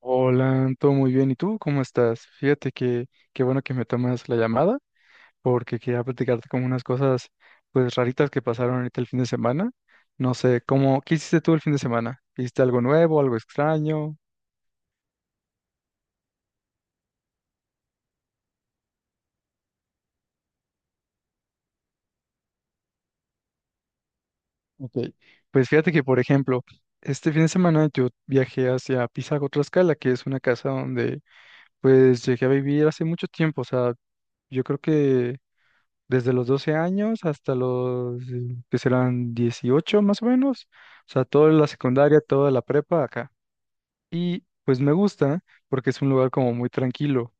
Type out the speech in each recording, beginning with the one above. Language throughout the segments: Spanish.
Hola, todo muy bien. ¿Y tú cómo estás? Fíjate que qué bueno que me tomas la llamada porque quería platicarte como unas cosas pues raritas que pasaron ahorita el fin de semana. No sé, qué hiciste tú el fin de semana? ¿Hiciste algo nuevo, algo extraño? Ok, pues fíjate que, por ejemplo, este fin de semana yo viajé hacia Pisago, Tlaxcala, que es una casa donde pues llegué a vivir hace mucho tiempo. O sea, yo creo que desde los 12 años hasta los que serán 18, más o menos. O sea, toda la secundaria, toda la prepa acá. Y pues me gusta porque es un lugar como muy tranquilo,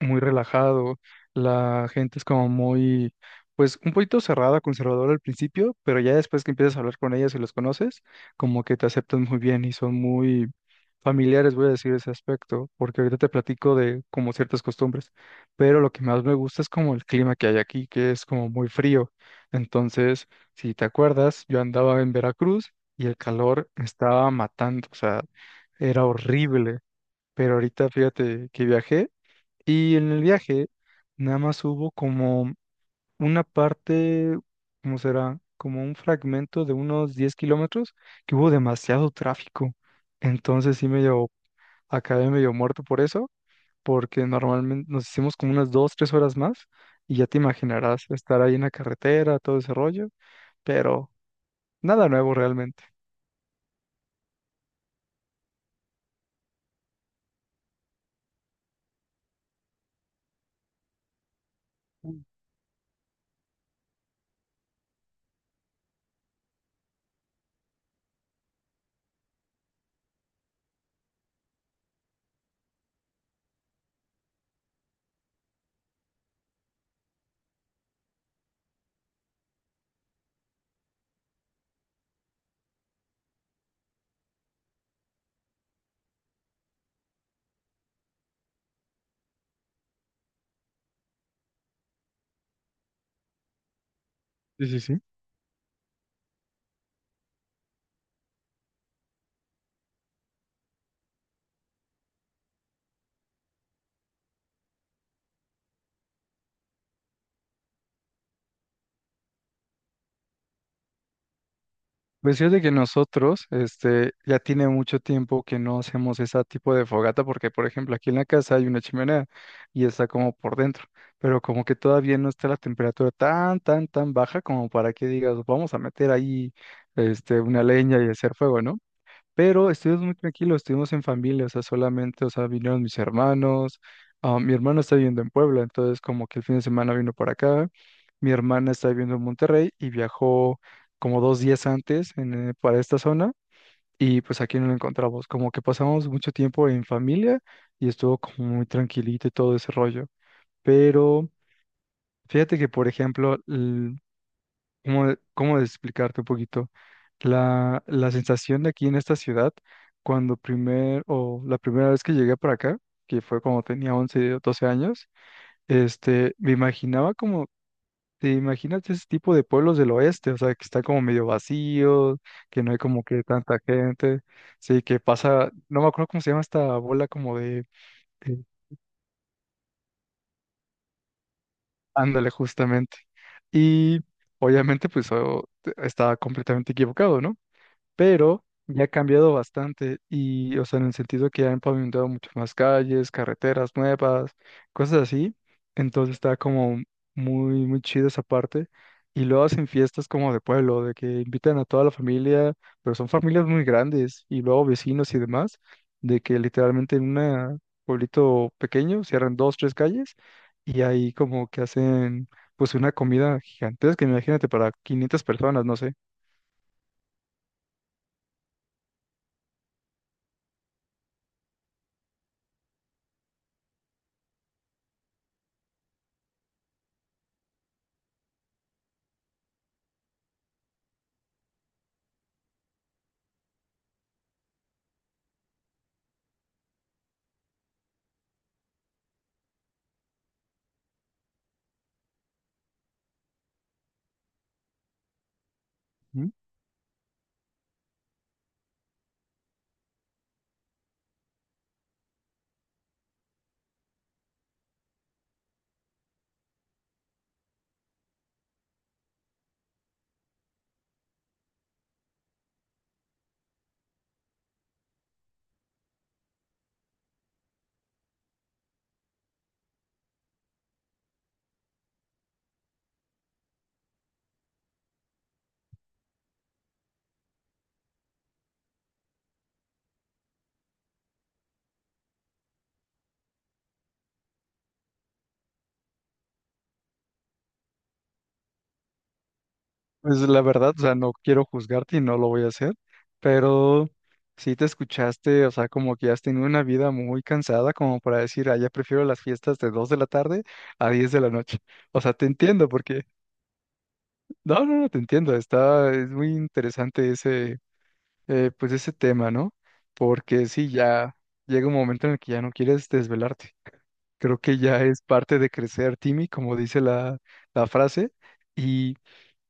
muy relajado. La gente es como muy, pues un poquito cerrada, conservadora al principio, pero ya después que empiezas a hablar con ellas y los conoces, como que te aceptan muy bien y son muy familiares, voy a decir ese aspecto, porque ahorita te platico de como ciertas costumbres. Pero lo que más me gusta es como el clima que hay aquí, que es como muy frío. Entonces, si te acuerdas, yo andaba en Veracruz y el calor me estaba matando, o sea, era horrible. Pero ahorita fíjate que viajé, y en el viaje nada más hubo como una parte, ¿cómo será? Como un fragmento de unos 10 kilómetros que hubo demasiado tráfico. Entonces, acabé medio muerto por eso, porque normalmente nos hicimos como unas 2 3 horas más, y ya te imaginarás estar ahí en la carretera, todo ese rollo, pero nada nuevo realmente. Mm. Sí, sí, sí. Pues fíjate que nosotros, este, ya tiene mucho tiempo que no hacemos ese tipo de fogata, porque por ejemplo aquí en la casa hay una chimenea y está como por dentro, pero como que todavía no está la temperatura tan, tan, tan baja como para que digas, vamos a meter ahí, una leña y hacer fuego, ¿no? Pero estuvimos muy tranquilos, estuvimos en familia, o sea, solamente, o sea, vinieron mis hermanos. Ah, mi hermano está viviendo en Puebla, entonces como que el fin de semana vino para acá. Mi hermana está viviendo en Monterrey y viajó como 2 días antes para esta zona, y pues aquí no lo encontramos, como que pasamos mucho tiempo en familia y estuvo como muy tranquilito y todo ese rollo. Pero fíjate que, por ejemplo, ¿Cómo de explicarte un poquito? La sensación de aquí en esta ciudad, cuando primer, o la primera vez que llegué para acá, que fue cuando tenía 11 o 12 años, este, me imaginaba como, te imaginas ese tipo de pueblos del oeste, o sea, que está como medio vacío, que no hay como que tanta gente. Sí, que pasa, no me acuerdo cómo se llama esta bola como de- ándale, justamente. Y obviamente, pues, oh, estaba completamente equivocado, ¿no? Pero ya ha cambiado bastante y, o sea, en el sentido que ya han pavimentado muchas más calles, carreteras nuevas, cosas así. Entonces está como muy, muy chido esa parte. Y luego hacen fiestas como de pueblo, de que invitan a toda la familia, pero son familias muy grandes y luego vecinos y demás, de que literalmente en un pueblito pequeño cierran dos, tres calles y ahí como que hacen pues una comida gigantesca, imagínate, para 500 personas, no sé. Pues la verdad, o sea, no quiero juzgarte y no lo voy a hacer, pero sí te escuchaste, o sea, como que has tenido una vida muy cansada, como para decir, ah, ya prefiero las fiestas de 2 de la tarde a 10 de la noche. O sea, te entiendo, porque, no, no, no, te entiendo, es muy interesante ese, pues ese tema, ¿no? Porque sí, ya llega un momento en el que ya no quieres desvelarte. Creo que ya es parte de crecer, Timmy, como dice la frase. y...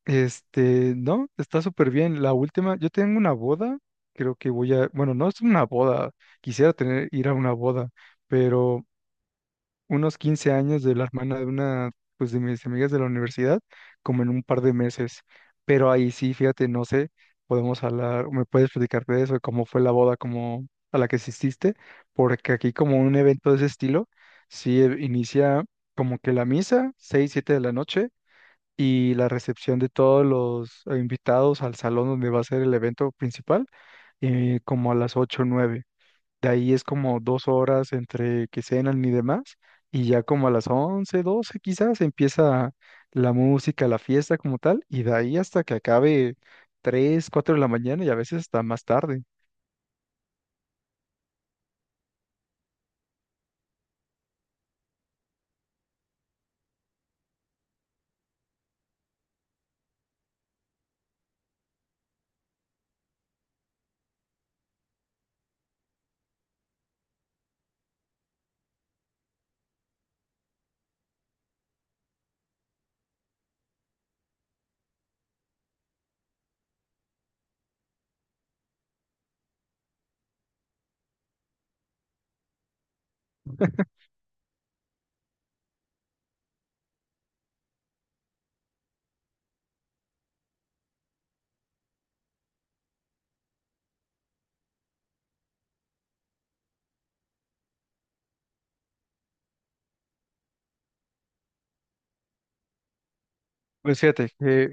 Este, no, está súper bien. La última, yo tengo una boda. Creo que bueno, no es una boda, quisiera ir a una boda, pero unos 15 años de la hermana de una, pues de mis amigas de la universidad, como en un par de meses. Pero ahí sí, fíjate, no sé, podemos hablar, me puedes platicar de eso, de cómo fue la boda, como a la que asististe, porque aquí como un evento de ese estilo, sí inicia como que la misa, 6, 7 de la noche, y la recepción de todos los invitados al salón donde va a ser el evento principal, como a las 8 o 9. De ahí es como dos horas entre que cenan y demás, y ya como a las 11 12 quizás empieza la música, la fiesta como tal, y de ahí hasta que acabe 3 4 de la mañana y a veces hasta más tarde. Pues fíjate, que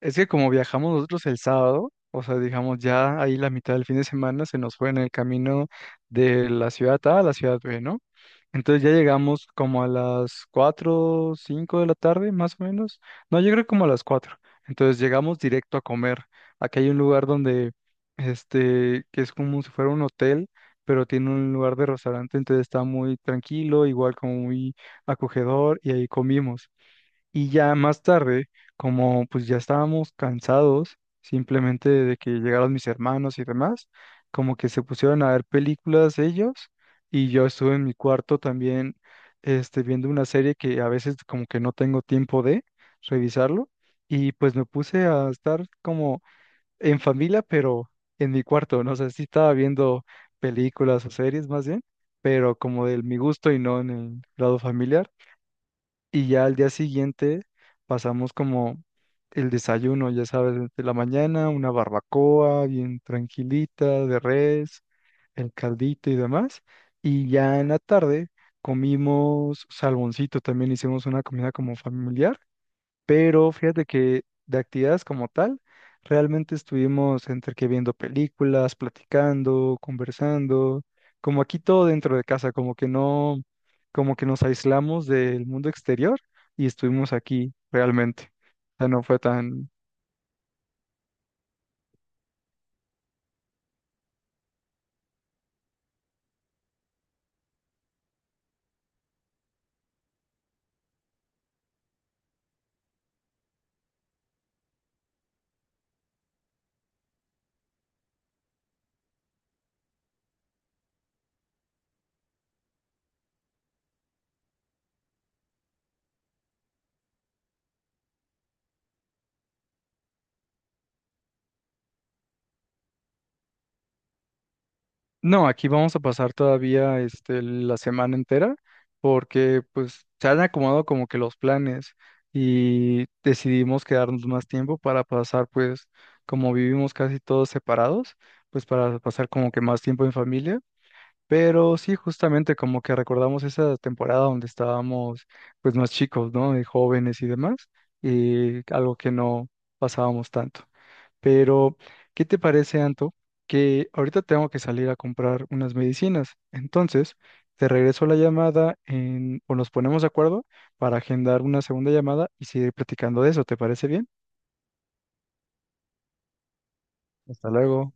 es que como viajamos nosotros el sábado, o sea, digamos ya ahí la mitad del fin de semana se nos fue en el camino de la ciudad A a la ciudad B, ¿no? Entonces ya llegamos como a las 4, 5 de la tarde, más o menos. No, yo creo como a las 4. Entonces llegamos directo a comer. Aquí hay un lugar donde, que es como si fuera un hotel, pero tiene un lugar de restaurante, entonces está muy tranquilo, igual como muy acogedor, y ahí comimos. Y ya más tarde, como pues ya estábamos cansados, simplemente de que llegaron mis hermanos y demás, como que se pusieron a ver películas ellos, y yo estuve en mi cuarto también, viendo una serie que a veces como que no tengo tiempo de revisarlo, y pues me puse a estar como en familia, pero en mi cuarto. No sé si estaba viendo películas o series más bien, pero como de mi gusto y no en el lado familiar. Y ya al día siguiente pasamos como el desayuno, ya sabes, de la mañana, una barbacoa bien tranquilita de res, el caldito y demás. Y ya en la tarde comimos salmoncito, también hicimos una comida como familiar, pero fíjate que de actividades como tal, realmente estuvimos entre que viendo películas, platicando, conversando, como aquí todo dentro de casa, como que no, como que nos aislamos del mundo exterior y estuvimos aquí realmente. O sea, no fue tan. No, aquí vamos a pasar todavía, este, la semana entera, porque pues se han acomodado como que los planes y decidimos quedarnos más tiempo para pasar, pues como vivimos casi todos separados, pues para pasar como que más tiempo en familia. Pero sí, justamente como que recordamos esa temporada donde estábamos pues más chicos, ¿no? Y jóvenes y demás, y algo que no pasábamos tanto. Pero, ¿qué te parece, Anto? Que ahorita tengo que salir a comprar unas medicinas. Entonces, te regreso la llamada o nos ponemos de acuerdo para agendar una segunda llamada y seguir platicando de eso. ¿Te parece bien? Hasta luego.